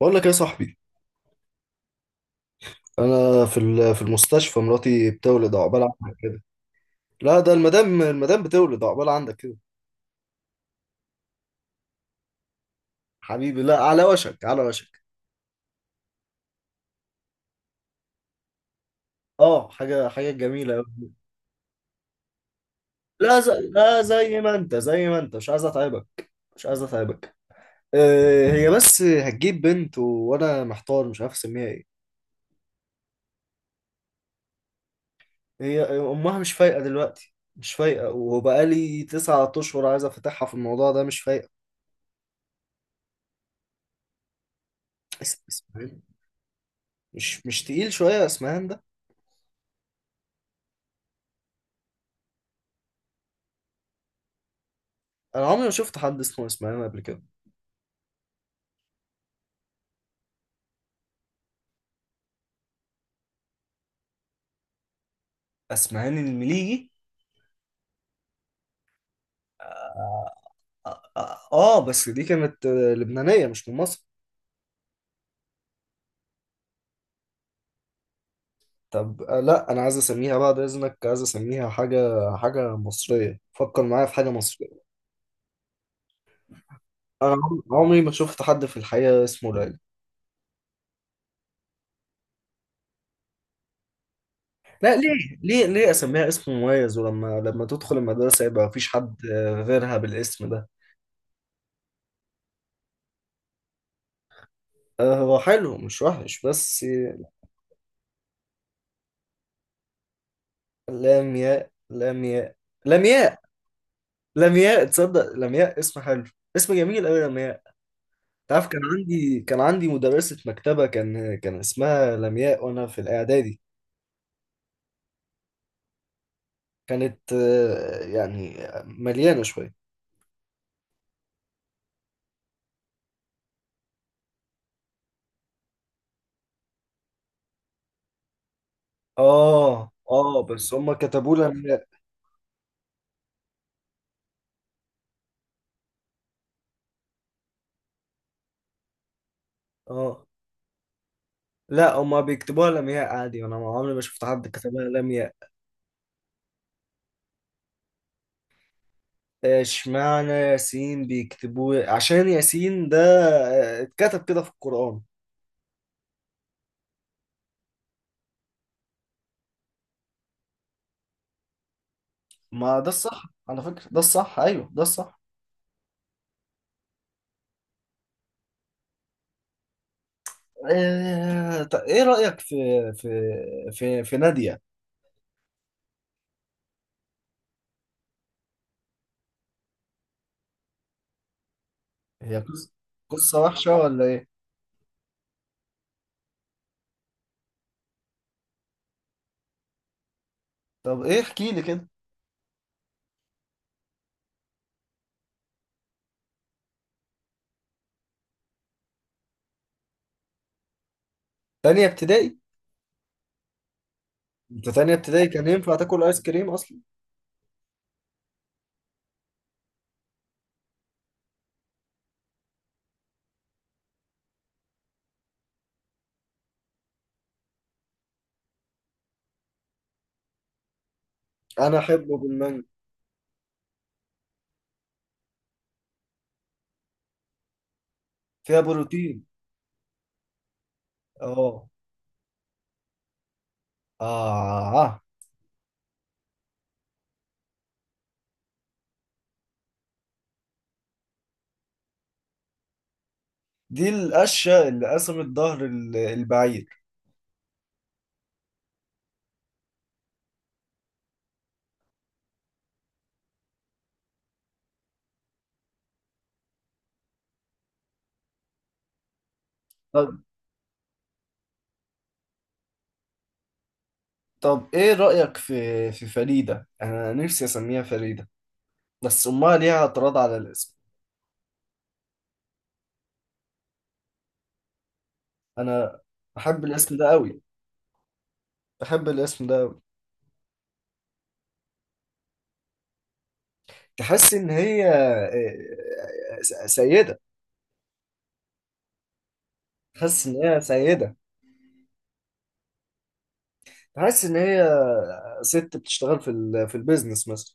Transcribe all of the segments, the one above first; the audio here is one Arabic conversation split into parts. بقول لك يا صاحبي. انا في المستشفى، مراتي بتولد، عقبال عندك كده. لا، ده المدام بتولد عقبال عندك كده. حبيبي، لا، على وشك، على وشك. اه، حاجه جميله أوي. لا، لا، زي ما انت، مش عايز اتعبك. مش عايز اتعبك. هي بس هتجيب بنت، وانا محتار، مش عارف اسميها ايه. هي امها مش فايقه دلوقتي. مش فايقه، وبقالي 9 اشهر عايز افتحها في الموضوع ده، مش فايقه. اسمهان؟ مش تقيل شويه اسمهان؟ انا عمري ما شفت حد اسمه اسماعيل قبل كده. اسماعيل المليجي؟ اه، بس دي كانت لبنانية، مش من مصر. طب، لا، انا عايز اسميها بعد اذنك، عايز اسميها حاجة. حاجة مصرية، فكر معايا في حاجة مصرية. انا عمري ما شفت حد في الحقيقة اسمه ليلى. لا، ليه؟ ليه اسميها اسم مميز، ولما تدخل المدرسة يبقى مفيش حد غيرها بالاسم ده؟ هو حلو، مش وحش، بس لام ياء لام ياء. لام ياء. لمياء، تصدق لمياء اسم حلو. اسم جميل قوي لمياء. تعرف، كان عندي مدرسة مكتبة، كان اسمها لمياء، وانا في الاعدادي. كانت يعني مليانة شوية. اه بس هما كتبوا لمياء. اه. لا، هما بيكتبوها لمياء عادي، انا ما عمري ما شفت حد كتبها لمياء. اشمعنى ياسين بيكتبوه؟ عشان ياسين ده اتكتب كده في القرآن. ما ده الصح على فكرة، ده الصح، ايوه، ده الصح. طب، ايه رأيك في في نادية؟ هي قصة وحشة ولا ايه؟ طب ايه، احكي لي كده. تانية ابتدائي؟ انت تانية ابتدائي كان ينفع تاكل ايس كريم اصلا؟ انا احبه بالمانجا. فيها بروتين. اه، اه. دي القشة اللي قسمت ظهر البعير. طب طب، ايه رأيك في فريدة؟ انا نفسي اسميها فريدة، بس امها ليها اعتراض على الاسم. انا احب الاسم ده قوي، احب الاسم ده. تحس ان هي سيده. تحس ان هي سيده. تحس ان هي ست بتشتغل في البيزنس مثلا.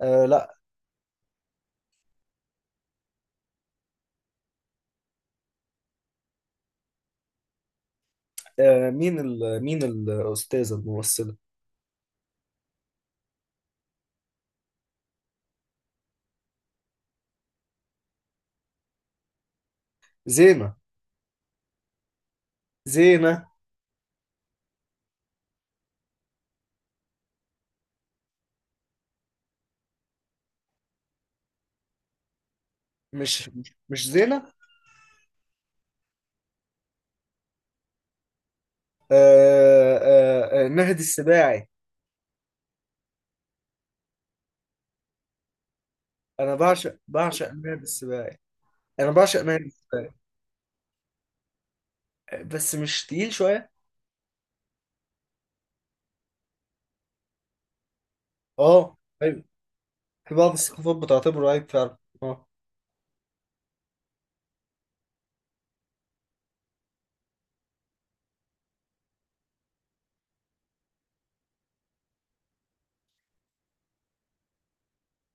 آه، لا. آه، مين الاستاذه الممثله؟ زينه؟ زينه؟ مش مش زينه. نهدي السباعي. انا بعشق نهدي السباعي. انا بعشق نهدي السباعي. بس مش تقيل شويه؟ اه، ايوه، في بعض الثقافات بتعتبره عيب فعلا. اه.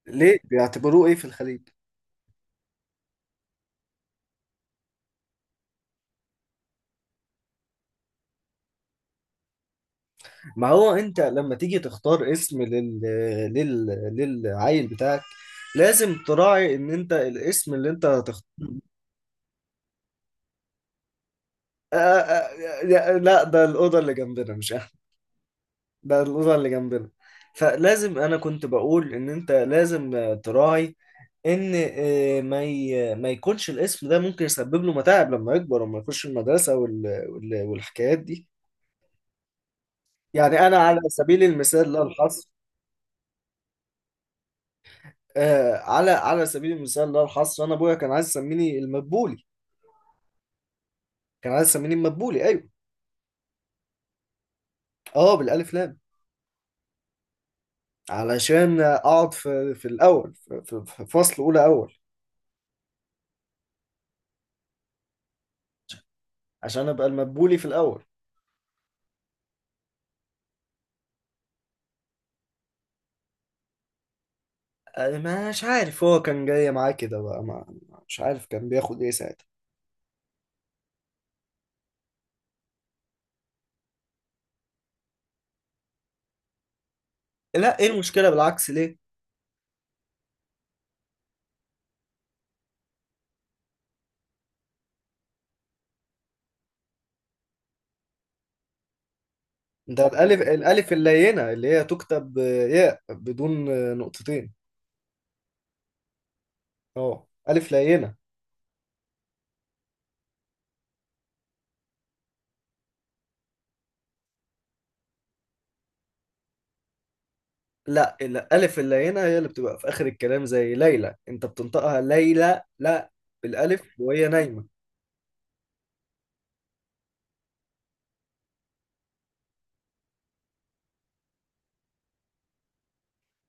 ليه بيعتبروه ايه في الخليج؟ ما هو انت لما تيجي تختار اسم لل... للعيل بتاعك، لازم تراعي ان انت الاسم اللي انت هتختار. آه آه آه، لا، ده الأوضة اللي جنبنا، مش أنا. ده الأوضة اللي جنبنا. فلازم، أنا كنت بقول إن أنت لازم تراعي إن ما يكونش الاسم ده ممكن يسبب له متاعب لما يكبر وما يخش المدرسة، والحكايات دي. يعني أنا، على سبيل المثال لا الحصر، على سبيل المثال لا الحصر، انا ابويا كان عايز يسميني المدبولي. كان عايز يسميني المدبولي، ايوه. اه، بالالف لام. علشان اقعد في الاول، في فصل اولى، اول. عشان ابقى المدبولي في الاول. آه، مش عارف، هو كان جاي معاه كده بقى. ما مش عارف كان بياخد ايه ساعتها. لا، ايه المشكله؟ بالعكس، ليه؟ ده الالف، اللينه اللي هي تكتب ياء بدون نقطتين. اه، الف لينه. لا، الألف اللينة هي اللي بتبقى في آخر الكلام، زي ليلى، أنت بتنطقها ليلى، لا، بالألف وهي نايمة.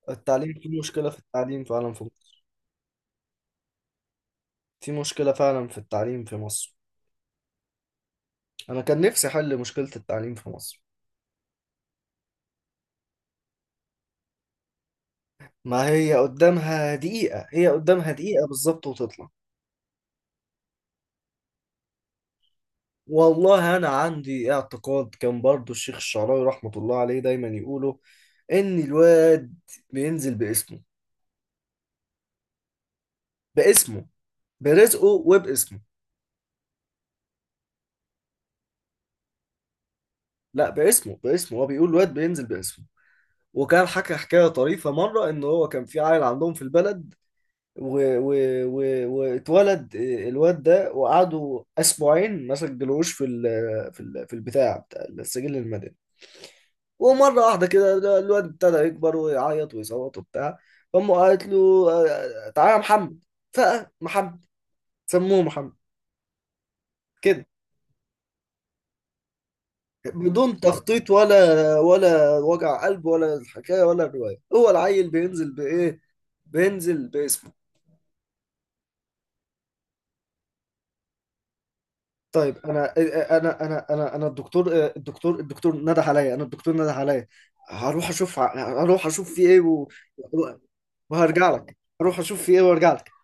التعليم، في مشكلة في التعليم فعلا في مصر. في مشكلة فعلا في التعليم في مصر. أنا كان نفسي أحل مشكلة التعليم في مصر. ما هي قدامها دقيقة، هي قدامها دقيقة بالظبط وتطلع. والله أنا عندي اعتقاد، كان برضو الشيخ الشعراوي رحمة الله عليه دايما يقوله، إن الواد بينزل باسمه. باسمه، برزقه وباسمه. لا، باسمه، باسمه، هو بيقول واد بينزل باسمه. وكان حكى حكاية طريفة مرة، إن هو كان في عيل عندهم في البلد، و... و... و... واتولد الواد ده، وقعدوا أسبوعين ما سجلوش في البتاع، بتاع السجل المدني. ومرة واحدة كده، ده الواد ابتدى يكبر ويعيط ويصوت وبتاع. فأمه قالت له تعالى يا محمد. فمحمد، سموه محمد كده. بدون تخطيط، ولا وجع قلب، ولا الحكايه، ولا الروايه. هو العيل بينزل بايه؟ بينزل باسمه. طيب، انا الدكتور نده عليا. انا، الدكتور نده عليا. هروح اشوف، في ايه، وهرجع لك. هروح اشوف في ايه وارجع لك.